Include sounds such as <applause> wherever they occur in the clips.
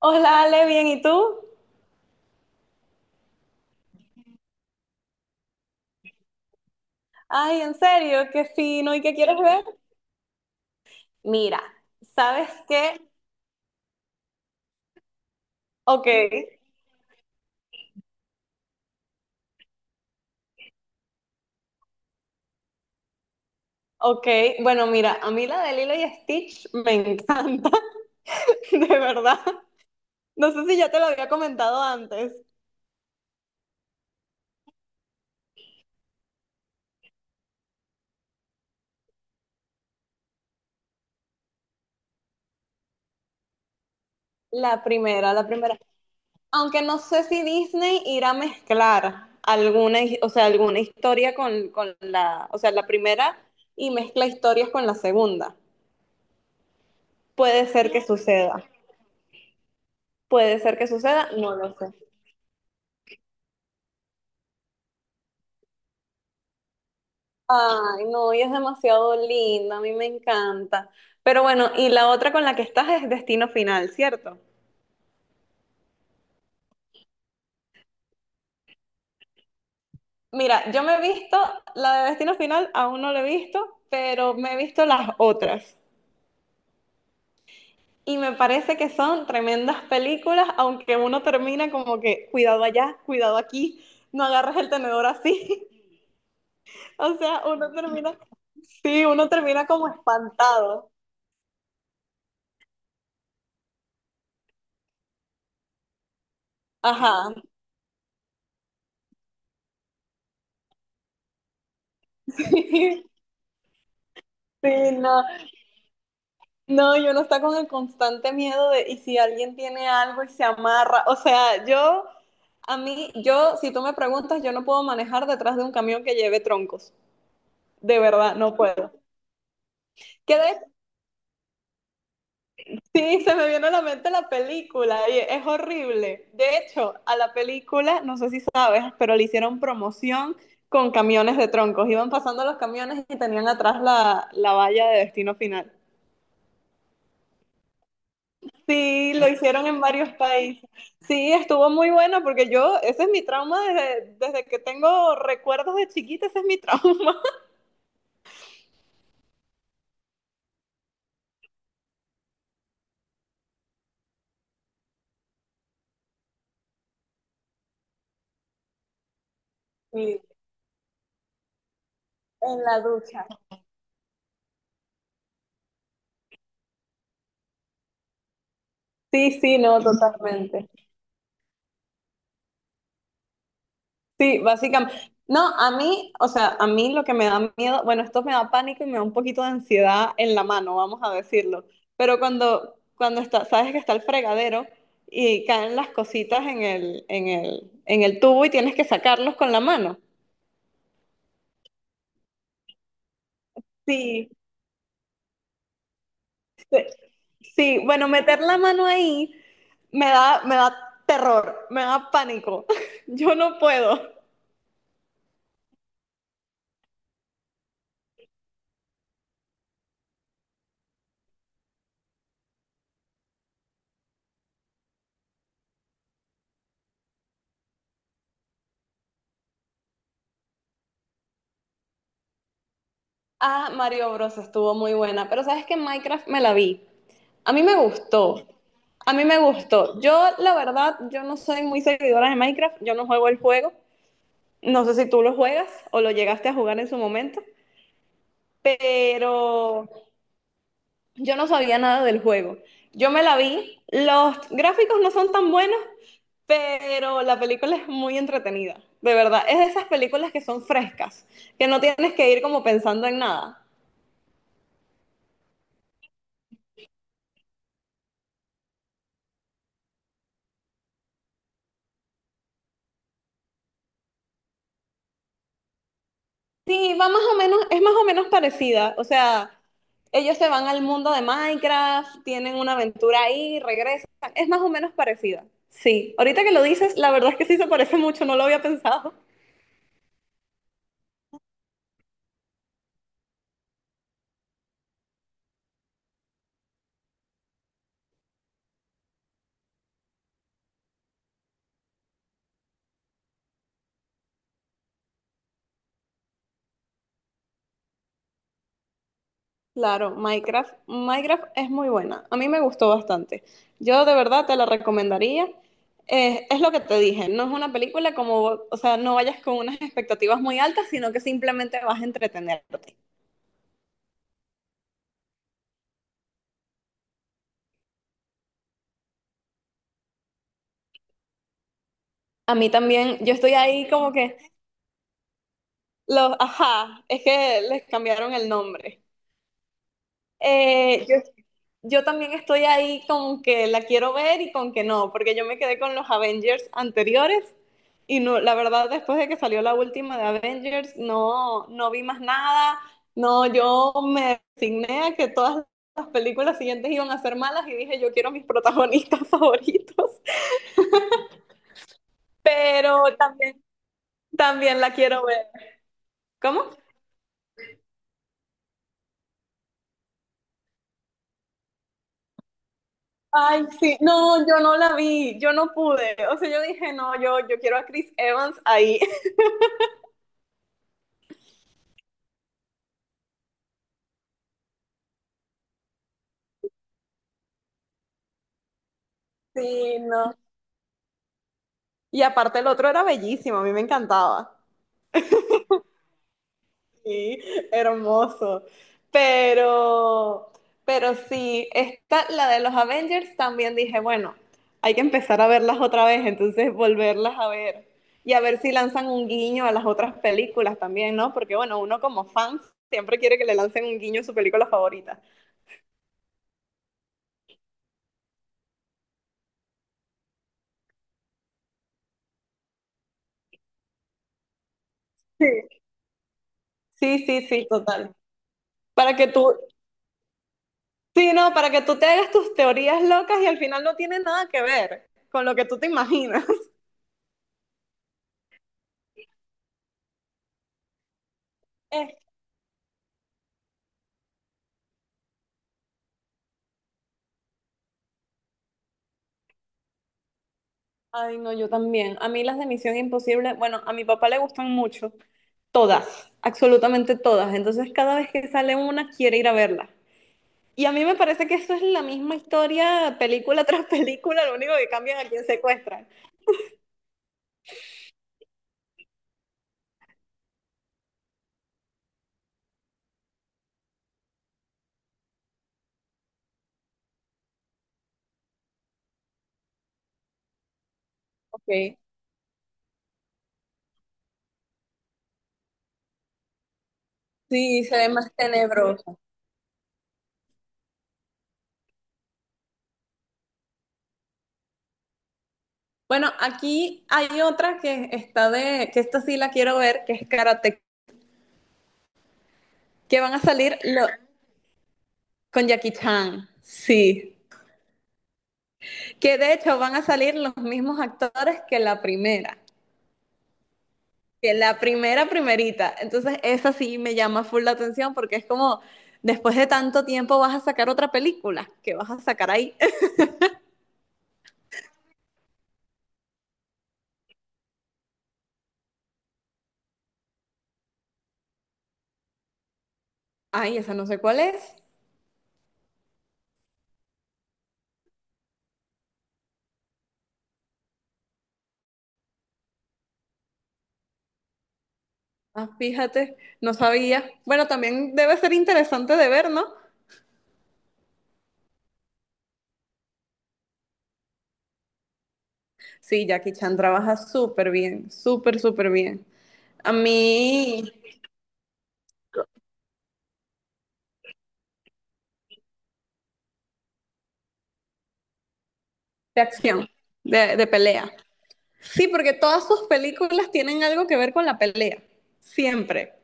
Hola Ale, bien, ¿y tú? Ay, en serio, qué fino, ¿y qué quieres ver? Mira, ¿sabes qué? Ok, ok, bueno, mira, a mí la de Lilo y Stitch me encanta, <laughs> de verdad. No sé si ya te lo había comentado antes. La primera, la primera. Aunque no sé si Disney irá a mezclar alguna, o sea, alguna historia con la, o sea, la primera y mezcla historias con la segunda. Puede ser que suceda. Puede ser que suceda, no lo sé. Ay, no, y es demasiado linda, a mí me encanta. Pero bueno, y la otra con la que estás es Destino Final, ¿cierto? Mira, yo me he visto, la de Destino Final aún no la he visto, pero me he visto las otras. Y me parece que son tremendas películas, aunque uno termina como que, cuidado allá, cuidado aquí, no agarres el tenedor así. <laughs> O sea, uno termina, sí, uno termina como espantado. Ajá. <laughs> Sí, no, no, yo no está con el constante miedo de, y si alguien tiene algo y se amarra, o sea, yo, a mí, yo, si tú me preguntas, yo no puedo manejar detrás de un camión que lleve troncos, de verdad, no puedo. Que de, sí, se me viene a la mente la película y es horrible. De hecho, a la película, no sé si sabes, pero le hicieron promoción con camiones de troncos, iban pasando los camiones y tenían atrás la valla de destino final. Sí, lo hicieron en varios países. Sí, estuvo muy bueno porque yo, ese es mi trauma desde, desde que tengo recuerdos de chiquita, ese es mi trauma. <laughs> Sí, en la ducha. Sí, sí, no, totalmente. Sí, básicamente. No, a mí, o sea, a mí lo que me da miedo, bueno, esto me da pánico y me da un poquito de ansiedad en la mano, vamos a decirlo. Pero cuando está, sabes que está el fregadero y caen las cositas en el tubo y tienes que sacarlos con la mano. Sí, sí, sí, bueno, meter la mano ahí me da terror, me da pánico. <laughs> Yo no puedo. Ah, Mario Bros. Estuvo muy buena, pero sabes que Minecraft me la vi. A mí me gustó, a mí me gustó. Yo, la verdad, yo no soy muy seguidora de Minecraft, yo no juego el juego. No sé si tú lo juegas o lo llegaste a jugar en su momento, pero yo no sabía nada del juego. Yo me la vi, los gráficos no son tan buenos, pero la película es muy entretenida, de verdad. Es de esas películas que son frescas, que no tienes que ir como pensando en nada. Sí, va más o menos, es más o menos parecida, o sea, ellos se van al mundo de Minecraft, tienen una aventura ahí, regresan, es más o menos parecida. Sí, ahorita que lo dices, la verdad es que sí se parece mucho, no lo había pensado. Claro, Minecraft, Minecraft es muy buena. A mí me gustó bastante. Yo de verdad te la recomendaría. Es lo que te dije, no es una película como, o sea, no vayas con unas expectativas muy altas, sino que simplemente vas a entretenerte. A mí también, yo estoy ahí como que los, ajá, es que les cambiaron el nombre. Eh, yo yo también estoy ahí con que la quiero ver y con que no, porque yo me quedé con los Avengers anteriores y no, la verdad después de que salió la última de Avengers no, no vi más nada, no, yo me resigné a que todas las películas siguientes iban a ser malas y dije yo quiero mis protagonistas <laughs> favoritos, pero también, también la quiero ver. ¿Cómo? Ay, sí, no, yo no la vi, yo no pude, o sea, yo dije, no, yo quiero a Chris Evans ahí. <laughs> Sí, no. Y aparte el otro era bellísimo, a mí me encantaba. Sí, hermoso. Pero, pero sí, esta, la de los Avengers también dije, bueno, hay que empezar a verlas otra vez, entonces volverlas a ver. Y a ver si lanzan un guiño a las otras películas también, ¿no? Porque bueno, uno como fan siempre quiere que le lancen un guiño a su película favorita. Sí, sí, sí, sí, total. Para que tú, sí, no, para que tú te hagas tus teorías locas y al final no tiene nada que ver con lo que tú te imaginas. <laughs> Ay, no, yo también. A mí las de Misión Imposible, bueno, a mi papá le gustan mucho, todas, absolutamente todas. Entonces cada vez que sale una quiere ir a verla. Y a mí me parece que eso es la misma historia, película <laughs> tras película, lo único que cambian a quién secuestran. Okay. Sí, se ve más tenebroso. Bueno, aquí hay otra que está de, que esta sí la quiero ver, que es Karate, que van a salir con Jackie Chan. Sí. Que de hecho van a salir los mismos actores que la primera. Que la primera primerita. Entonces, esa sí me llama full la atención porque es como, después de tanto tiempo vas a sacar otra película, que vas a sacar ahí. <laughs> Ay, esa no sé cuál es. Ah, fíjate, no sabía. Bueno, también debe ser interesante de ver, ¿no? Sí, Jackie Chan trabaja súper bien, súper, súper bien. A mí, de acción, de pelea. Sí, porque todas sus películas tienen algo que ver con la pelea, siempre.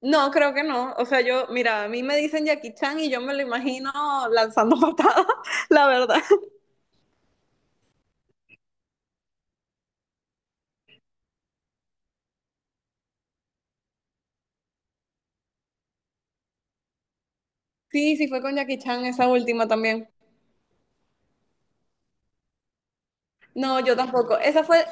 No, creo que no. O sea, yo, mira, a mí me dicen Jackie Chan y yo me lo imagino lanzando patadas, <laughs> la verdad. Sí, sí fue con Jackie Chan esa última también. No, yo tampoco.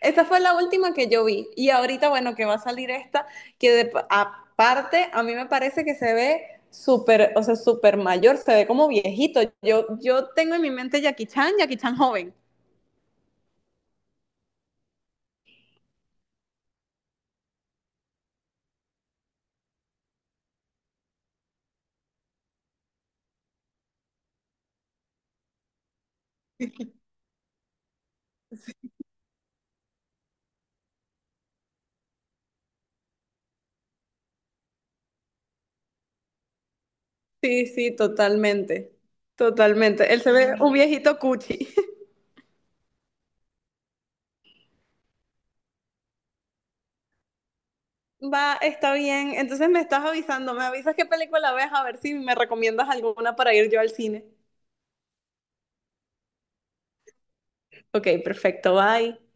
Esa fue la última que yo vi. Y ahorita, bueno, que va a salir esta, aparte a mí me parece que se ve súper, o sea, súper mayor, se ve como viejito. Yo tengo en mi mente Jackie Chan, Jackie Chan joven. Sí, sí, totalmente. Totalmente. Él se ve un viejito cuchi. Va, está bien. Entonces me estás avisando, me avisas qué película ves, a ver si me recomiendas alguna para ir yo al cine. Ok, perfecto, bye.